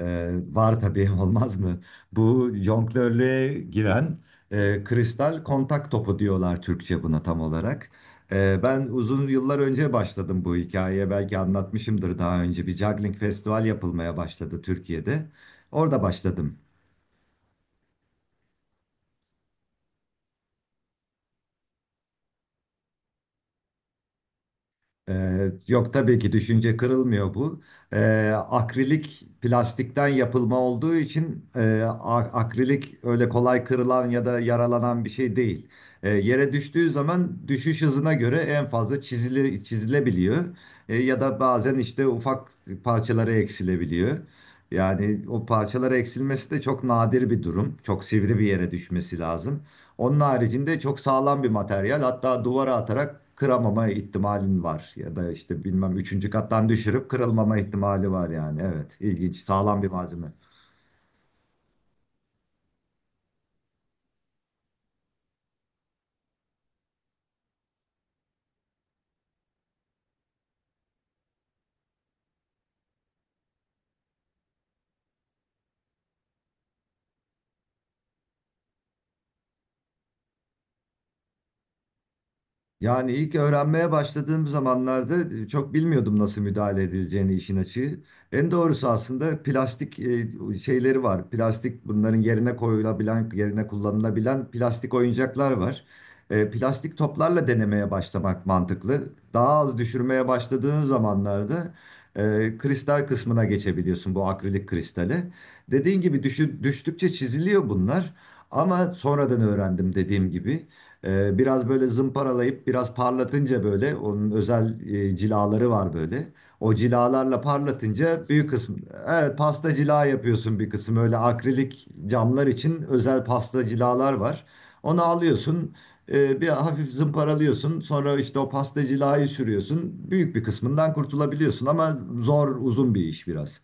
Ee, Var tabii olmaz mı? Bu jonglörlüğe giren kristal kontak topu diyorlar Türkçe buna tam olarak. Ben uzun yıllar önce başladım bu hikayeye. Belki anlatmışımdır daha önce. Bir juggling festival yapılmaya başladı Türkiye'de. Orada başladım. Yok tabii ki düşünce kırılmıyor bu. Akrilik plastikten yapılma olduğu için akrilik öyle kolay kırılan ya da yaralanan bir şey değil. Yere düştüğü zaman düşüş hızına göre en fazla çizili, çizilebiliyor. Ya da bazen işte ufak parçalara eksilebiliyor. Yani o parçalara eksilmesi de çok nadir bir durum. Çok sivri bir yere düşmesi lazım. Onun haricinde çok sağlam bir materyal. Hatta duvara atarak kıramama ihtimalin var. Ya da işte bilmem üçüncü kattan düşürüp kırılmama ihtimali var yani. Evet, ilginç, sağlam bir malzeme. Yani ilk öğrenmeye başladığım zamanlarda çok bilmiyordum nasıl müdahale edileceğini işin açığı. En doğrusu aslında plastik şeyleri var. Plastik bunların yerine koyulabilen, yerine kullanılabilen plastik oyuncaklar var. Plastik toplarla denemeye başlamak mantıklı. Daha az düşürmeye başladığın zamanlarda kristal kısmına geçebiliyorsun bu akrilik kristale. Dediğin gibi düştükçe çiziliyor bunlar. Ama sonradan öğrendim dediğim gibi. Biraz böyle zımparalayıp biraz parlatınca böyle onun özel cilaları var böyle. O cilalarla parlatınca büyük kısmı, evet, pasta cila yapıyorsun, bir kısım öyle. Akrilik camlar için özel pasta cilalar var. Onu alıyorsun, bir hafif zımparalıyorsun, sonra işte o pasta cilayı sürüyorsun, büyük bir kısmından kurtulabiliyorsun ama zor, uzun bir iş biraz.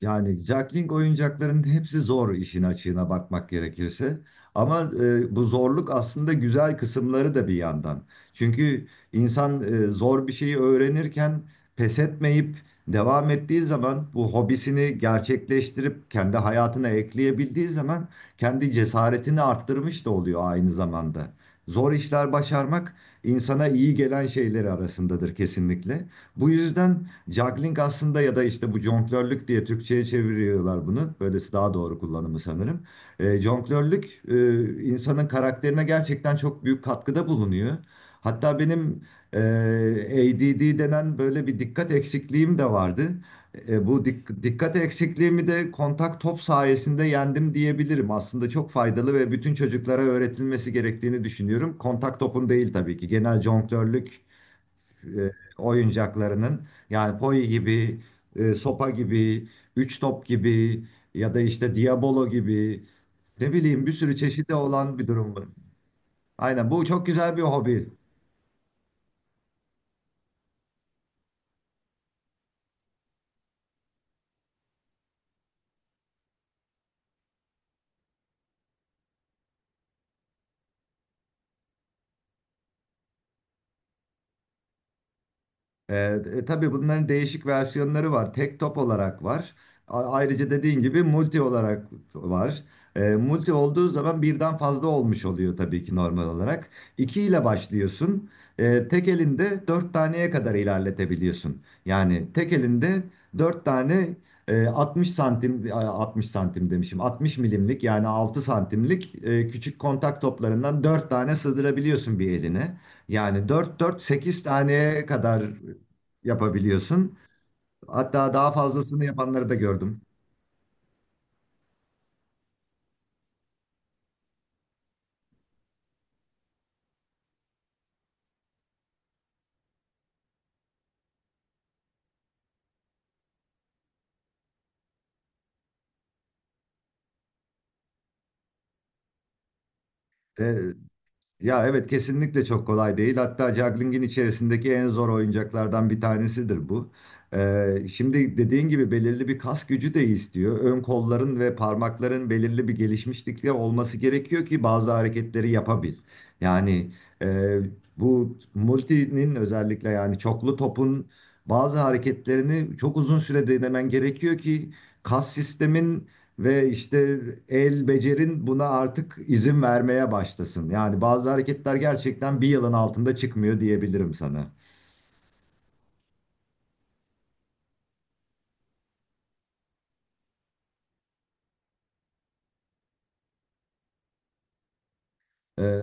Yani Jackling oyuncaklarının hepsi zor, işin açığına bakmak gerekirse. Ama bu zorluk aslında güzel kısımları da bir yandan. Çünkü insan zor bir şeyi öğrenirken pes etmeyip devam ettiği zaman, bu hobisini gerçekleştirip kendi hayatına ekleyebildiği zaman kendi cesaretini arttırmış da oluyor aynı zamanda. Zor işler başarmak insana iyi gelen şeyleri arasındadır kesinlikle. Bu yüzden Juggling aslında, ya da işte bu jonglörlük diye Türkçe'ye çeviriyorlar bunu. Böylesi daha doğru kullanımı sanırım. Jonglörlük insanın karakterine gerçekten çok büyük katkıda bulunuyor. Hatta benim e, ADD denen böyle bir dikkat eksikliğim de vardı. Dikkat eksikliğimi de kontak top sayesinde yendim diyebilirim. Aslında çok faydalı ve bütün çocuklara öğretilmesi gerektiğini düşünüyorum. Kontak topun değil tabii ki, genel jonglörlük e, oyuncaklarının. Yani Poi gibi, sopa gibi, üç top gibi ya da işte Diabolo gibi, ne bileyim, bir sürü çeşidi olan bir durum bu. Aynen, bu çok güzel bir hobi. Tabii bunların değişik versiyonları var. Tek top olarak var. Ayrıca dediğin gibi multi olarak var. Multi olduğu zaman birden fazla olmuş oluyor tabii ki, normal olarak. İki ile başlıyorsun. Tek elinde dört taneye kadar ilerletebiliyorsun. Yani tek elinde dört tane, 60 santim, 60 santim demişim, 60 milimlik yani 6 santimlik, küçük kontak toplarından dört tane sığdırabiliyorsun bir eline. Yani dört dört sekiz taneye kadar yapabiliyorsun. Hatta daha fazlasını yapanları da gördüm. E, Ya evet, kesinlikle çok kolay değil. Hatta juggling'in içerisindeki en zor oyuncaklardan bir tanesidir bu. Şimdi dediğin gibi belirli bir kas gücü de istiyor. Ön kolların ve parmakların belirli bir gelişmişlikte olması gerekiyor ki bazı hareketleri yapabil. Yani e, bu multinin, özellikle yani çoklu topun, bazı hareketlerini çok uzun süre denemen gerekiyor ki kas sistemin ve işte el becerin buna artık izin vermeye başlasın. Yani bazı hareketler gerçekten bir yılın altında çıkmıyor diyebilirim sana. Ee,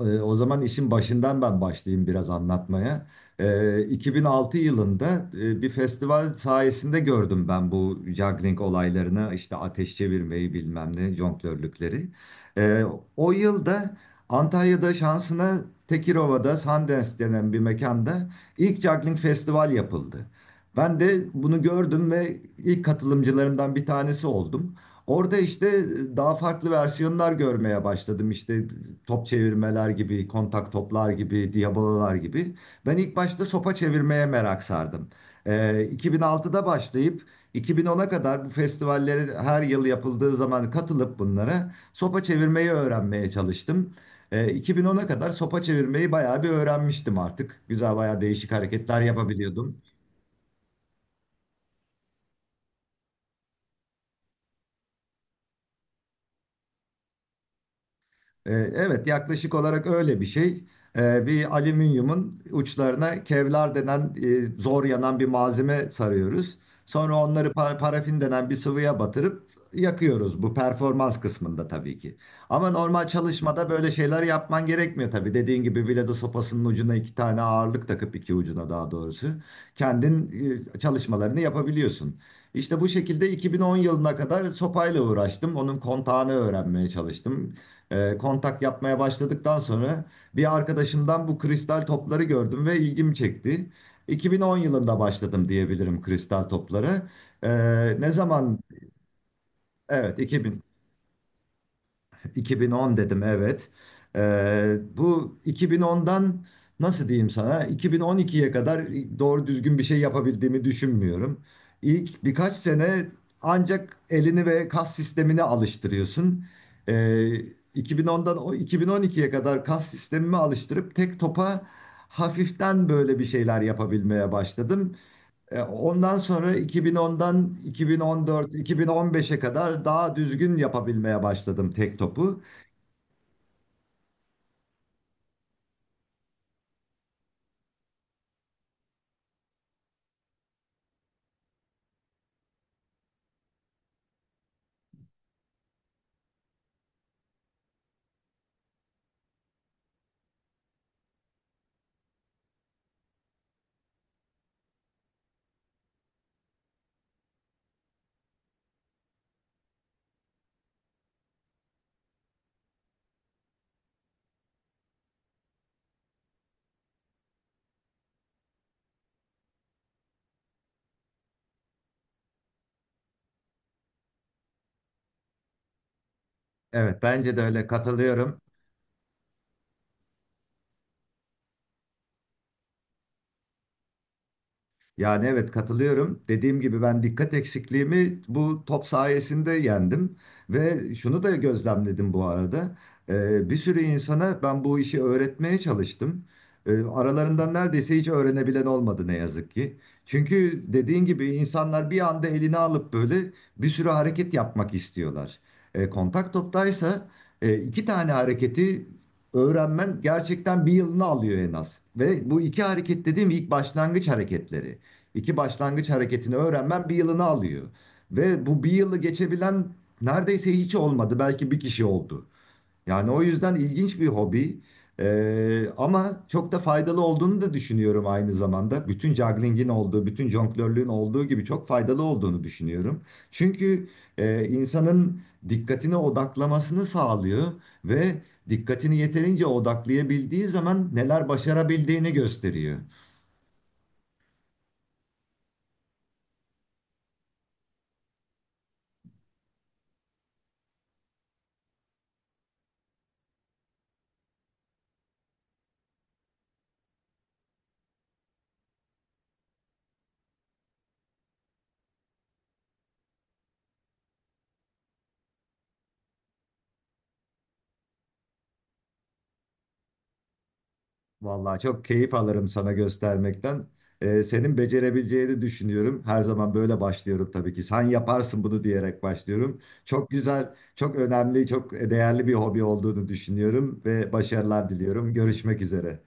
O zaman işin başından ben başlayayım biraz anlatmaya. 2006 yılında bir festival sayesinde gördüm ben bu juggling olaylarını, işte ateş çevirmeyi bilmem ne, jonglörlükleri. Ee, O yılda Antalya'da, şansına Tekirova'da Sundance denen bir mekanda ilk juggling festival yapıldı. Ben de bunu gördüm ve ilk katılımcılarından bir tanesi oldum. Orada işte daha farklı versiyonlar görmeye başladım. İşte top çevirmeler gibi, kontak toplar gibi, diabolalar gibi. Ben ilk başta sopa çevirmeye merak sardım. 2006'da başlayıp 2010'a kadar bu festivallere her yıl yapıldığı zaman katılıp bunlara sopa çevirmeyi öğrenmeye çalıştım. 2010'a kadar sopa çevirmeyi bayağı bir öğrenmiştim artık. Güzel, bayağı değişik hareketler yapabiliyordum. Evet, yaklaşık olarak öyle bir şey. Bir alüminyumun uçlarına kevlar denen zor yanan bir malzeme sarıyoruz. Sonra onları parafin denen bir sıvıya batırıp yakıyoruz. Bu performans kısmında tabii ki. Ama normal çalışmada böyle şeyler yapman gerekmiyor tabii. Dediğin gibi biledo sopasının ucuna iki tane ağırlık takıp, iki ucuna daha doğrusu, kendin çalışmalarını yapabiliyorsun. İşte bu şekilde 2010 yılına kadar sopayla uğraştım. Onun kontağını öğrenmeye çalıştım, kontak yapmaya başladıktan sonra bir arkadaşımdan bu kristal topları gördüm ve ilgimi çekti. 2010 yılında başladım diyebilirim kristal toplara. E, ne zaman? Evet, 2000. 2010 dedim evet. Bu 2010'dan, nasıl diyeyim sana, 2012'ye kadar doğru düzgün bir şey yapabildiğimi düşünmüyorum. İlk birkaç sene ancak elini ve kas sistemini alıştırıyorsun. Ee, 2010'dan o 2012'ye kadar kas sistemimi alıştırıp tek topa hafiften böyle bir şeyler yapabilmeye başladım. Ondan sonra 2010'dan 2014, 2015'e kadar daha düzgün yapabilmeye başladım tek topu. Evet, bence de öyle, katılıyorum. Yani evet, katılıyorum. Dediğim gibi, ben dikkat eksikliğimi bu top sayesinde yendim. Ve şunu da gözlemledim bu arada. Bir sürü insana ben bu işi öğretmeye çalıştım. Aralarından neredeyse hiç öğrenebilen olmadı ne yazık ki. Çünkü dediğin gibi insanlar bir anda elini alıp böyle bir sürü hareket yapmak istiyorlar. Kontak toptaysa iki tane hareketi öğrenmen gerçekten bir yılını alıyor en az. Ve bu iki hareket dediğim ilk başlangıç hareketleri. İki başlangıç hareketini öğrenmen bir yılını alıyor. Ve bu bir yılı geçebilen neredeyse hiç olmadı. Belki bir kişi oldu. Yani o yüzden ilginç bir hobi. Ama çok da faydalı olduğunu da düşünüyorum aynı zamanda. Bütün juggling'in olduğu, bütün jonglörlüğün olduğu gibi çok faydalı olduğunu düşünüyorum. Çünkü insanın dikkatini odaklamasını sağlıyor ve dikkatini yeterince odaklayabildiği zaman neler başarabildiğini gösteriyor. Vallahi çok keyif alırım sana göstermekten. Senin becerebileceğini düşünüyorum. Her zaman böyle başlıyorum tabii ki. Sen yaparsın bunu diyerek başlıyorum. Çok güzel, çok önemli, çok değerli bir hobi olduğunu düşünüyorum ve başarılar diliyorum. Görüşmek üzere.